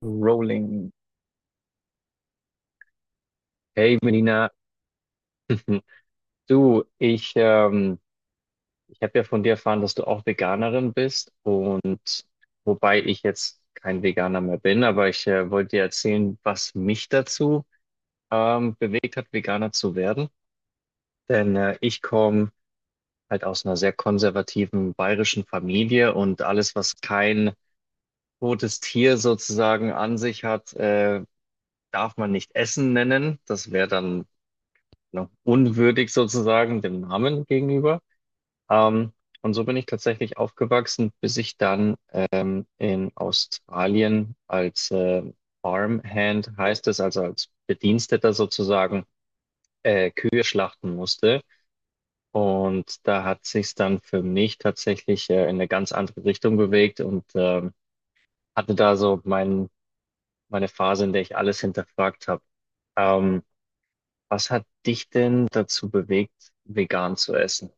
Rolling. Hey Melina, du, ich, ähm, ich habe ja von dir erfahren, dass du auch Veganerin bist. Wobei ich jetzt kein Veganer mehr bin, aber ich wollte dir erzählen, was mich dazu bewegt hat, Veganer zu werden. Denn ich komme halt aus einer sehr konservativen bayerischen Familie, und alles, was kein totes Tier sozusagen an sich hat, darf man nicht Essen nennen. Das wäre dann ne, unwürdig sozusagen dem Namen gegenüber. Ähm, und so bin ich tatsächlich aufgewachsen, bis ich dann in Australien als Farmhand, heißt es, also als Bediensteter sozusagen, Kühe schlachten musste. Und da hat sich's dann für mich tatsächlich in eine ganz andere Richtung bewegt, und hatte da so meine Phase, in der ich alles hinterfragt habe. Ähm, was hat dich denn dazu bewegt, vegan zu essen?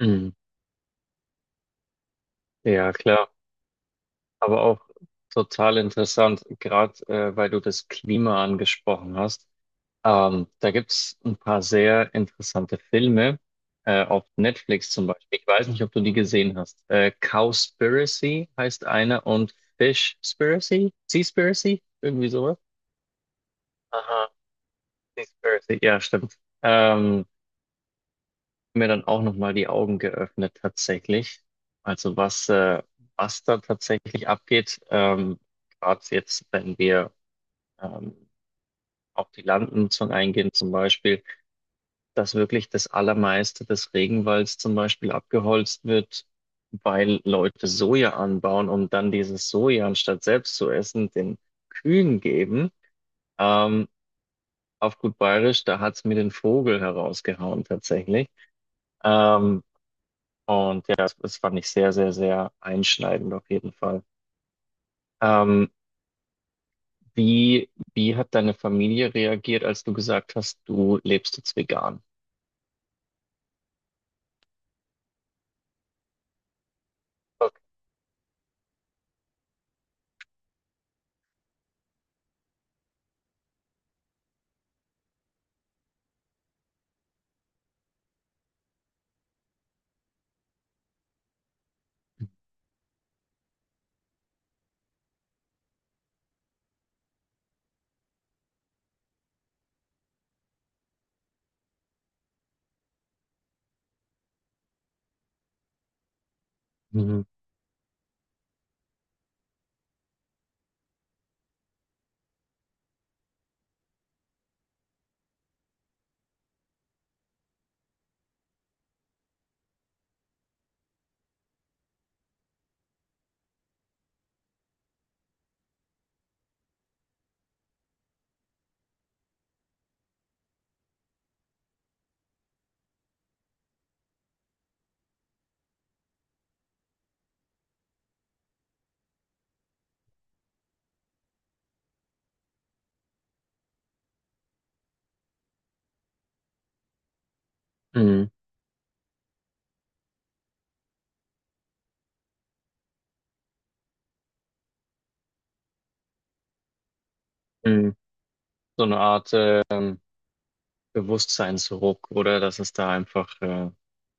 Mhm. Ja, klar. Aber auch total interessant, gerade weil du das Klima angesprochen hast. Da gibt's ein paar sehr interessante Filme auf Netflix zum Beispiel. Ich weiß nicht, ob du die gesehen hast. Cowspiracy heißt einer und Fishspiracy? Seaspiracy? Irgendwie sowas? Aha, Seaspiracy, ja, stimmt. Ähm, mir dann auch nochmal die Augen geöffnet tatsächlich. Also was da tatsächlich abgeht, gerade jetzt, wenn wir ähm, auf die Landnutzung eingehen zum Beispiel, dass wirklich das Allermeiste des Regenwalds zum Beispiel abgeholzt wird, weil Leute Soja anbauen und dann dieses Soja, anstatt selbst zu essen, den Kühen geben. Ähm, auf gut Bayerisch, da hat's mir den Vogel herausgehauen tatsächlich. Ähm, Und ja, das fand ich sehr, sehr, sehr einschneidend auf jeden Fall. Ähm, wie hat deine Familie reagiert, als du gesagt hast, du lebst jetzt vegan? Okay. Mhm. Mhm. Mhm. So eine Art ähm, Bewusstseinsruck, oder dass es da einfach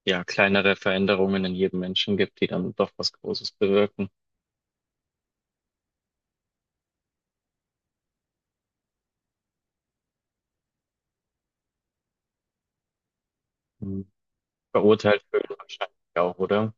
ja, kleinere Veränderungen in jedem Menschen gibt, die dann doch was Großes bewirken. Mhm. Verurteilt fühlen wahrscheinlich auch, oder?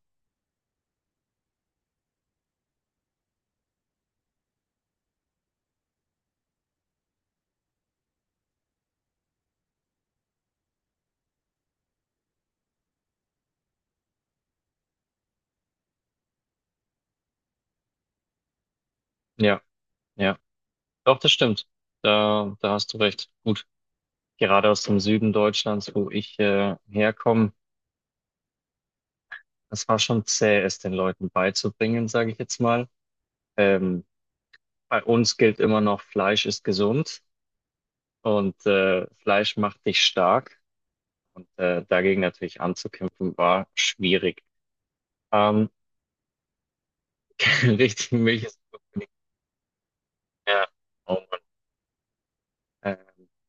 Ja, ja. Doch, das stimmt. Da hast du recht. Gut. Gerade aus dem Süden Deutschlands, wo ich herkomme, das war schon zäh, es den Leuten beizubringen, sage ich jetzt mal. Ähm, Bei uns gilt immer noch, Fleisch ist gesund und Fleisch macht dich stark. Und dagegen natürlich anzukämpfen, war schwierig. Ähm, richtig, Milch ist nicht mehr. Oh Mann. Ähm,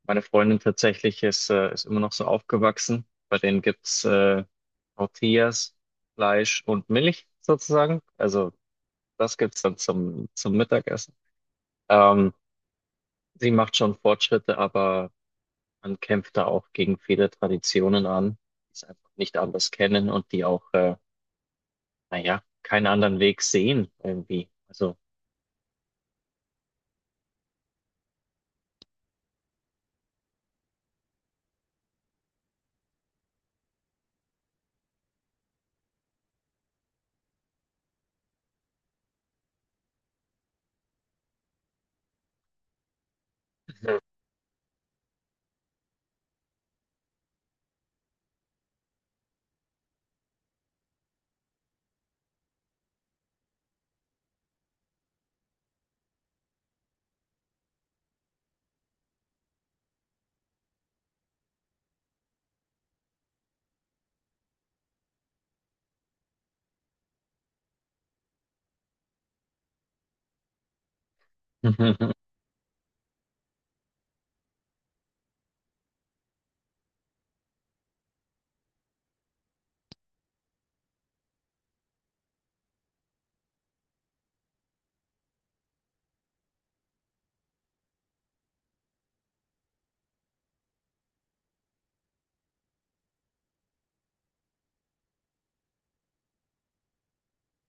Meine Freundin tatsächlich ist, ist immer noch so aufgewachsen. Bei denen gibt's Tortillas, Fleisch und Milch sozusagen. Also das gibt's dann zum Mittagessen. Ähm, Sie macht schon Fortschritte, aber man kämpft da auch gegen viele Traditionen an, die es einfach nicht anders kennen und die auch, naja, keinen anderen Weg sehen irgendwie. Also,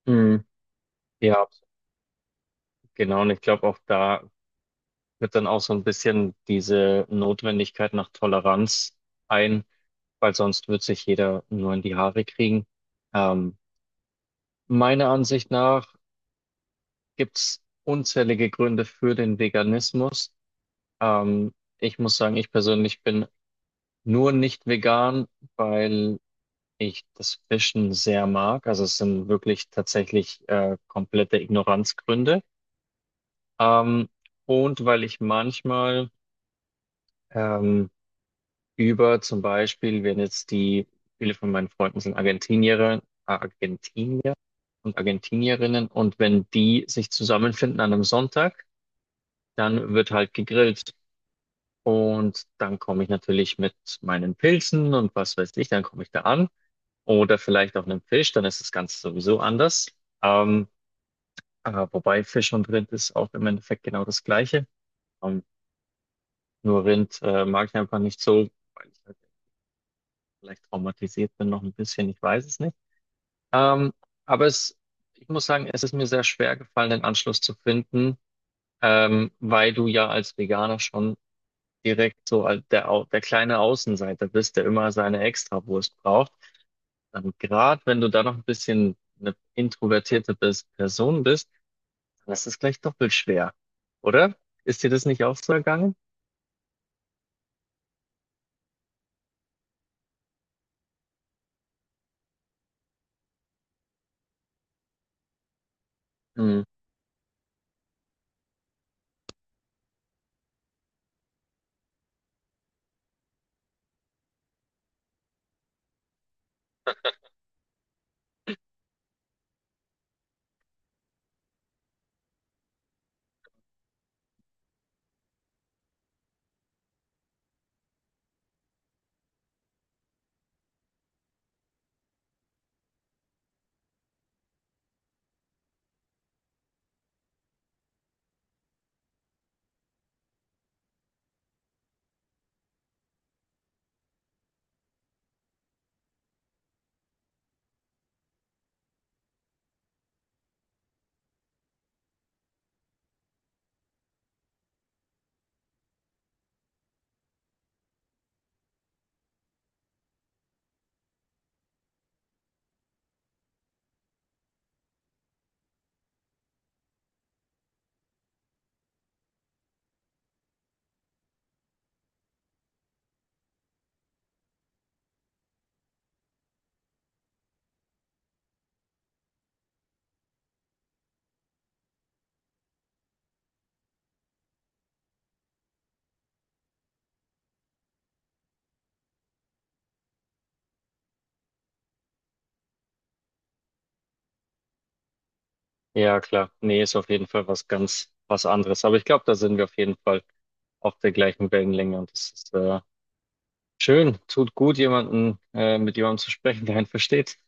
hm, ja, genau. Und ich glaube, auch da wird dann auch so ein bisschen diese Notwendigkeit nach Toleranz ein, weil sonst wird sich jeder nur in die Haare kriegen. Ähm, Meiner Ansicht nach gibt es unzählige Gründe für den Veganismus. Ähm, Ich muss sagen, ich persönlich bin nur nicht vegan, weil ich das Fischen sehr mag. Also es sind wirklich tatsächlich komplette Ignoranzgründe. Ähm, und weil ich manchmal ähm, über zum Beispiel, wenn jetzt die, viele von meinen Freunden sind Argentinier, Argentinier und Argentinierinnen und wenn die sich zusammenfinden an einem Sonntag, dann wird halt gegrillt. Und dann komme ich natürlich mit meinen Pilzen und was weiß ich, dann komme ich da an. Oder vielleicht auch einem Fisch, dann ist das Ganze sowieso anders. Ähm, wobei Fisch und Rind ist auch im Endeffekt genau das Gleiche. Ähm, nur Rind mag ich einfach nicht so, weil ich halt vielleicht traumatisiert bin noch ein bisschen, ich weiß es nicht. Ähm, aber es, ich muss sagen, es ist mir sehr schwer gefallen, den Anschluss zu finden, weil du ja als Veganer schon direkt so als der kleine Außenseiter bist, der immer seine Extrawurst braucht, dann, gerade wenn du da noch ein bisschen eine introvertierte Person bist, dann ist es gleich doppelt schwer, oder? Ist dir das nicht auch so ergangen? Hm. Ja, klar. Nee, ist auf jeden Fall was ganz was anderes. Aber ich glaube, da sind wir auf jeden Fall auf der gleichen Wellenlänge, und das ist schön. Tut gut, jemanden mit jemandem zu sprechen, der einen versteht.